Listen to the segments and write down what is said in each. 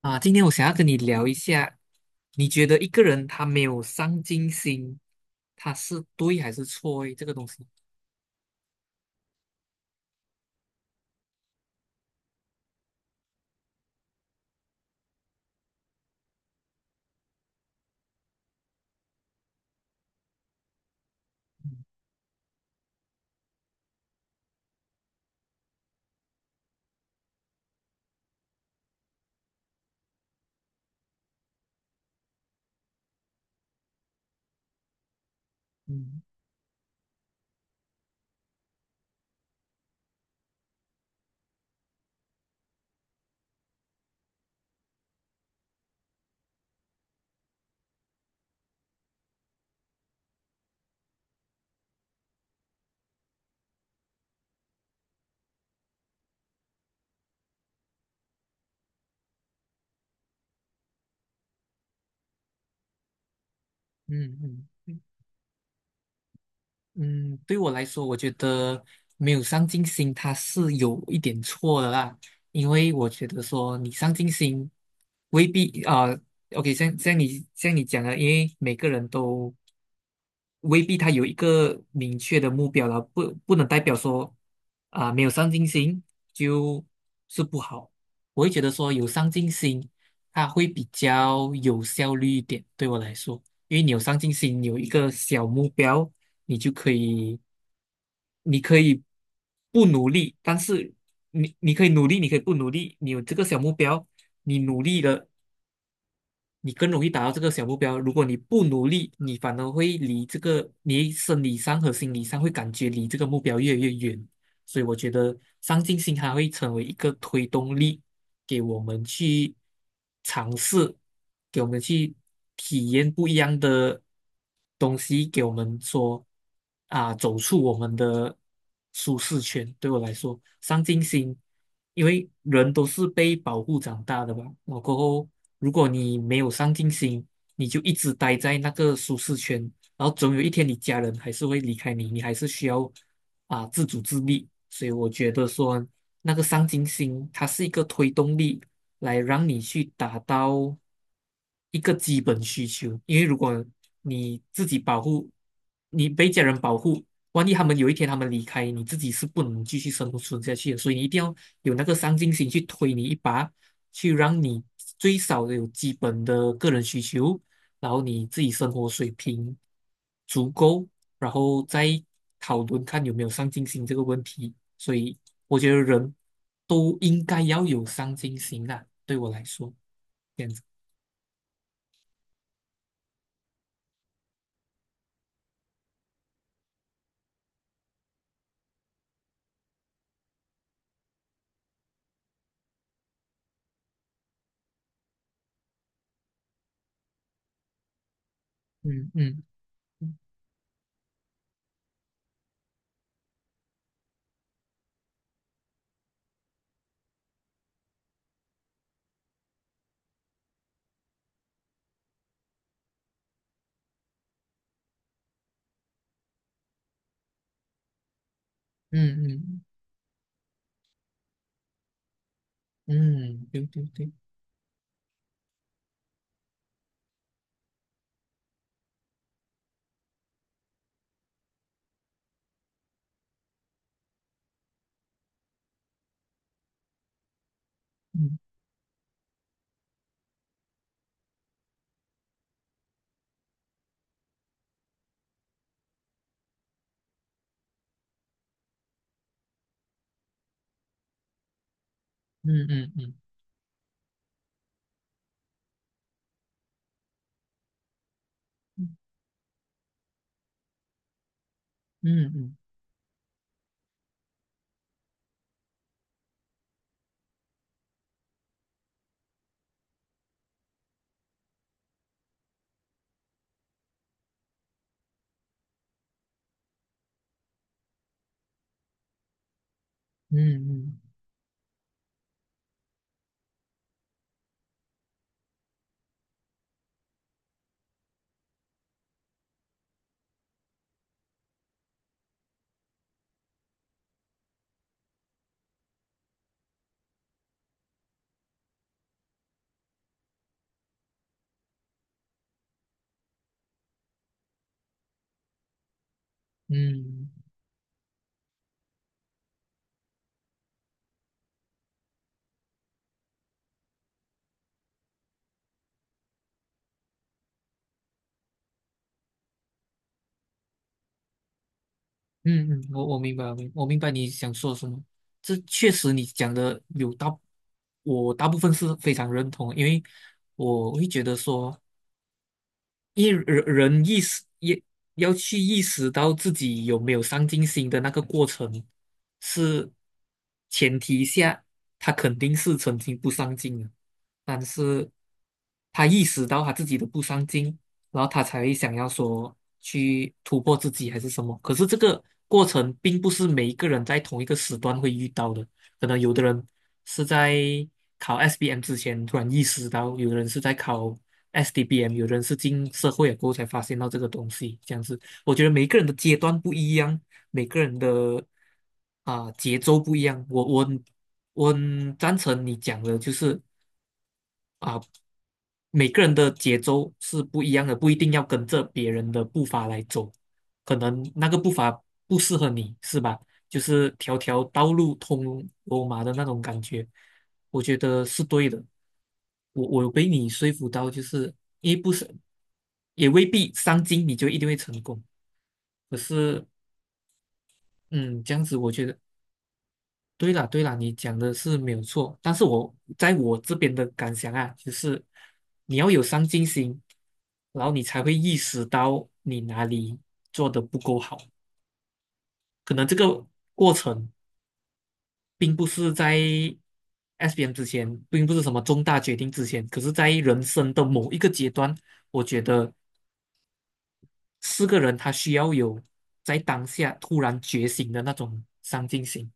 啊，今天我想要跟你聊一下，你觉得一个人他没有上进心，他是对还是错诶？这个东西。嗯嗯嗯嗯。对我来说，我觉得没有上进心，他是有一点错的啦，因为我觉得说你上进心未必啊，OK，像你讲的，因为每个人都未必他有一个明确的目标了，不能代表说没有上进心就是不好。我会觉得说有上进心，他会比较有效率一点，对我来说，因为你有上进心，你有一个小目标，你就可以，你可以不努力，但是你可以努力，你可以不努力，你有这个小目标，你努力了，你更容易达到这个小目标。如果你不努力，你反而会离这个，你生理上和心理上会感觉离这个目标越来越远。所以我觉得上进心它会成为一个推动力，给我们去尝试，给我们去体验不一样的东西，给我们说啊，走出我们的舒适圈。对我来说，上进心，因为人都是被保护长大的吧，然后过后如果你没有上进心，你就一直待在那个舒适圈，然后总有一天你家人还是会离开你，你还是需要啊自主自立。所以我觉得说那个上进心，它是一个推动力，来让你去达到一个基本需求。因为如果你自己保护，你被家人保护，万一他们有一天他们离开，你自己是不能继续生存下去的。所以你一定要有那个上进心去推你一把，去让你最少的有基本的个人需求。然后你自己生活水平足够，然后再讨论看有没有上进心这个问题。所以我觉得人都应该要有上进心啦，对我来说，这样子。嗯嗯嗯嗯嗯。对对对。嗯嗯嗯嗯嗯嗯嗯嗯嗯嗯嗯。我明白，我明白你想说什么。这确实你讲的有大，我大部分是非常认同，因为我会觉得说，一人意识也要去意识到自己有没有上进心的那个过程，是前提下，他肯定是曾经不上进的。但是他意识到他自己的不上进，然后他才想要说去突破自己还是什么。可是这个过程并不是每一个人在同一个时段会遇到的，可能有的人是在考 SBM 之前突然意识到，有的人是在考 SDBM，有的人是进社会了过后才发现到这个东西。这样子，我觉得每个人的阶段不一样，每个人的节奏不一样。我很赞成你讲的，就是。啊，每个人的节奏是不一样的，不一定要跟着别人的步伐来走，可能那个步伐不适合你，是吧？就是条条道路通罗马的那种感觉，我觉得是对的。我有被你说服到，就是因为不是，也未必上进你就一定会成功。可是，嗯，这样子我觉得对啦，对啦，你讲的是没有错，但是我在我这边的感想啊，就是你要有上进心，然后你才会意识到你哪里做的不够好。可能这个过程并不是在 SBM 之前，并不是什么重大决定之前，可是在人生的某一个阶段，我觉得四个人他需要有在当下突然觉醒的那种上进心，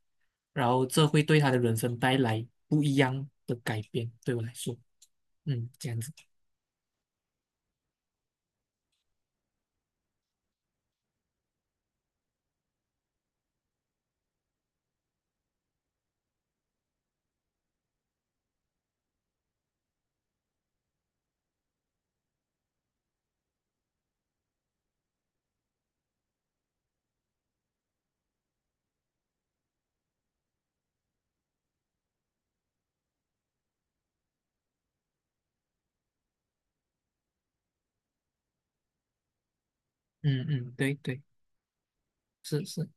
然后这会对他的人生带来不一样的改变。对我来说，嗯，这样子。嗯嗯。对对。是是。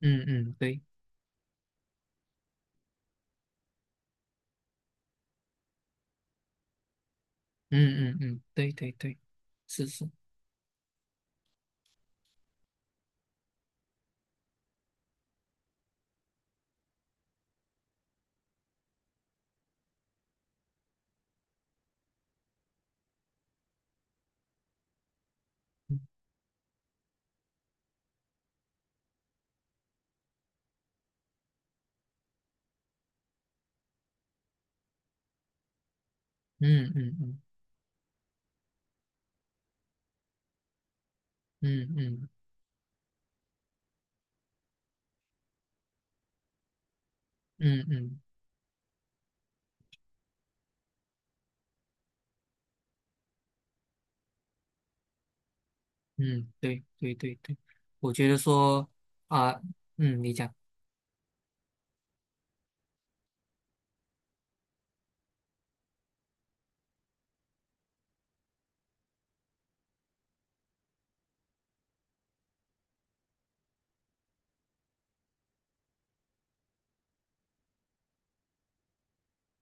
嗯嗯对。嗯嗯嗯对对对。是是。嗯嗯嗯嗯嗯嗯嗯嗯。对对对对。我觉得说啊、你讲。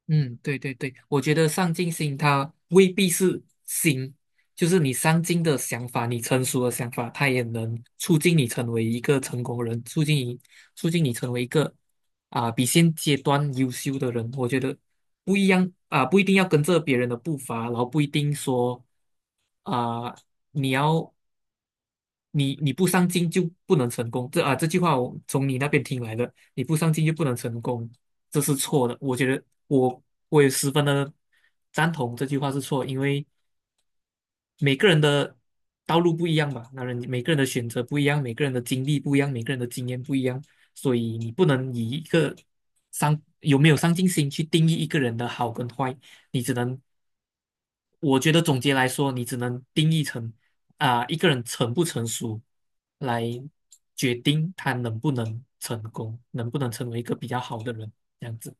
嗯，对对对，我觉得上进心它未必是心，就是你上进的想法，你成熟的想法，它也能促进你成为一个成功人，促进你成为一个比现阶段优秀的人。我觉得不一样不一定要跟着别人的步伐，然后不一定说啊、你要你你不上进就不能成功，这句话我从你那边听来的，你不上进就不能成功，这是错的。我觉得我也十分的赞同这句话是错，因为每个人的道路不一样吧，那每个人的选择不一样，每个人的经历不一样，每个人的经验不一样，所以你不能以一个上有没有上进心去定义一个人的好跟坏，你只能我觉得总结来说，你只能定义成一个人成不成熟，来决定他能不能成功，能不能成为一个比较好的人，这样子。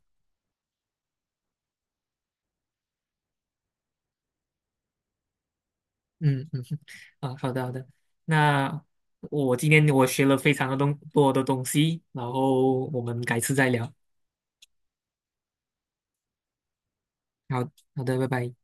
嗯嗯哼，啊，好的好的。那我今天我学了非常的多的东西，然后我们改次再聊。好好的，拜拜。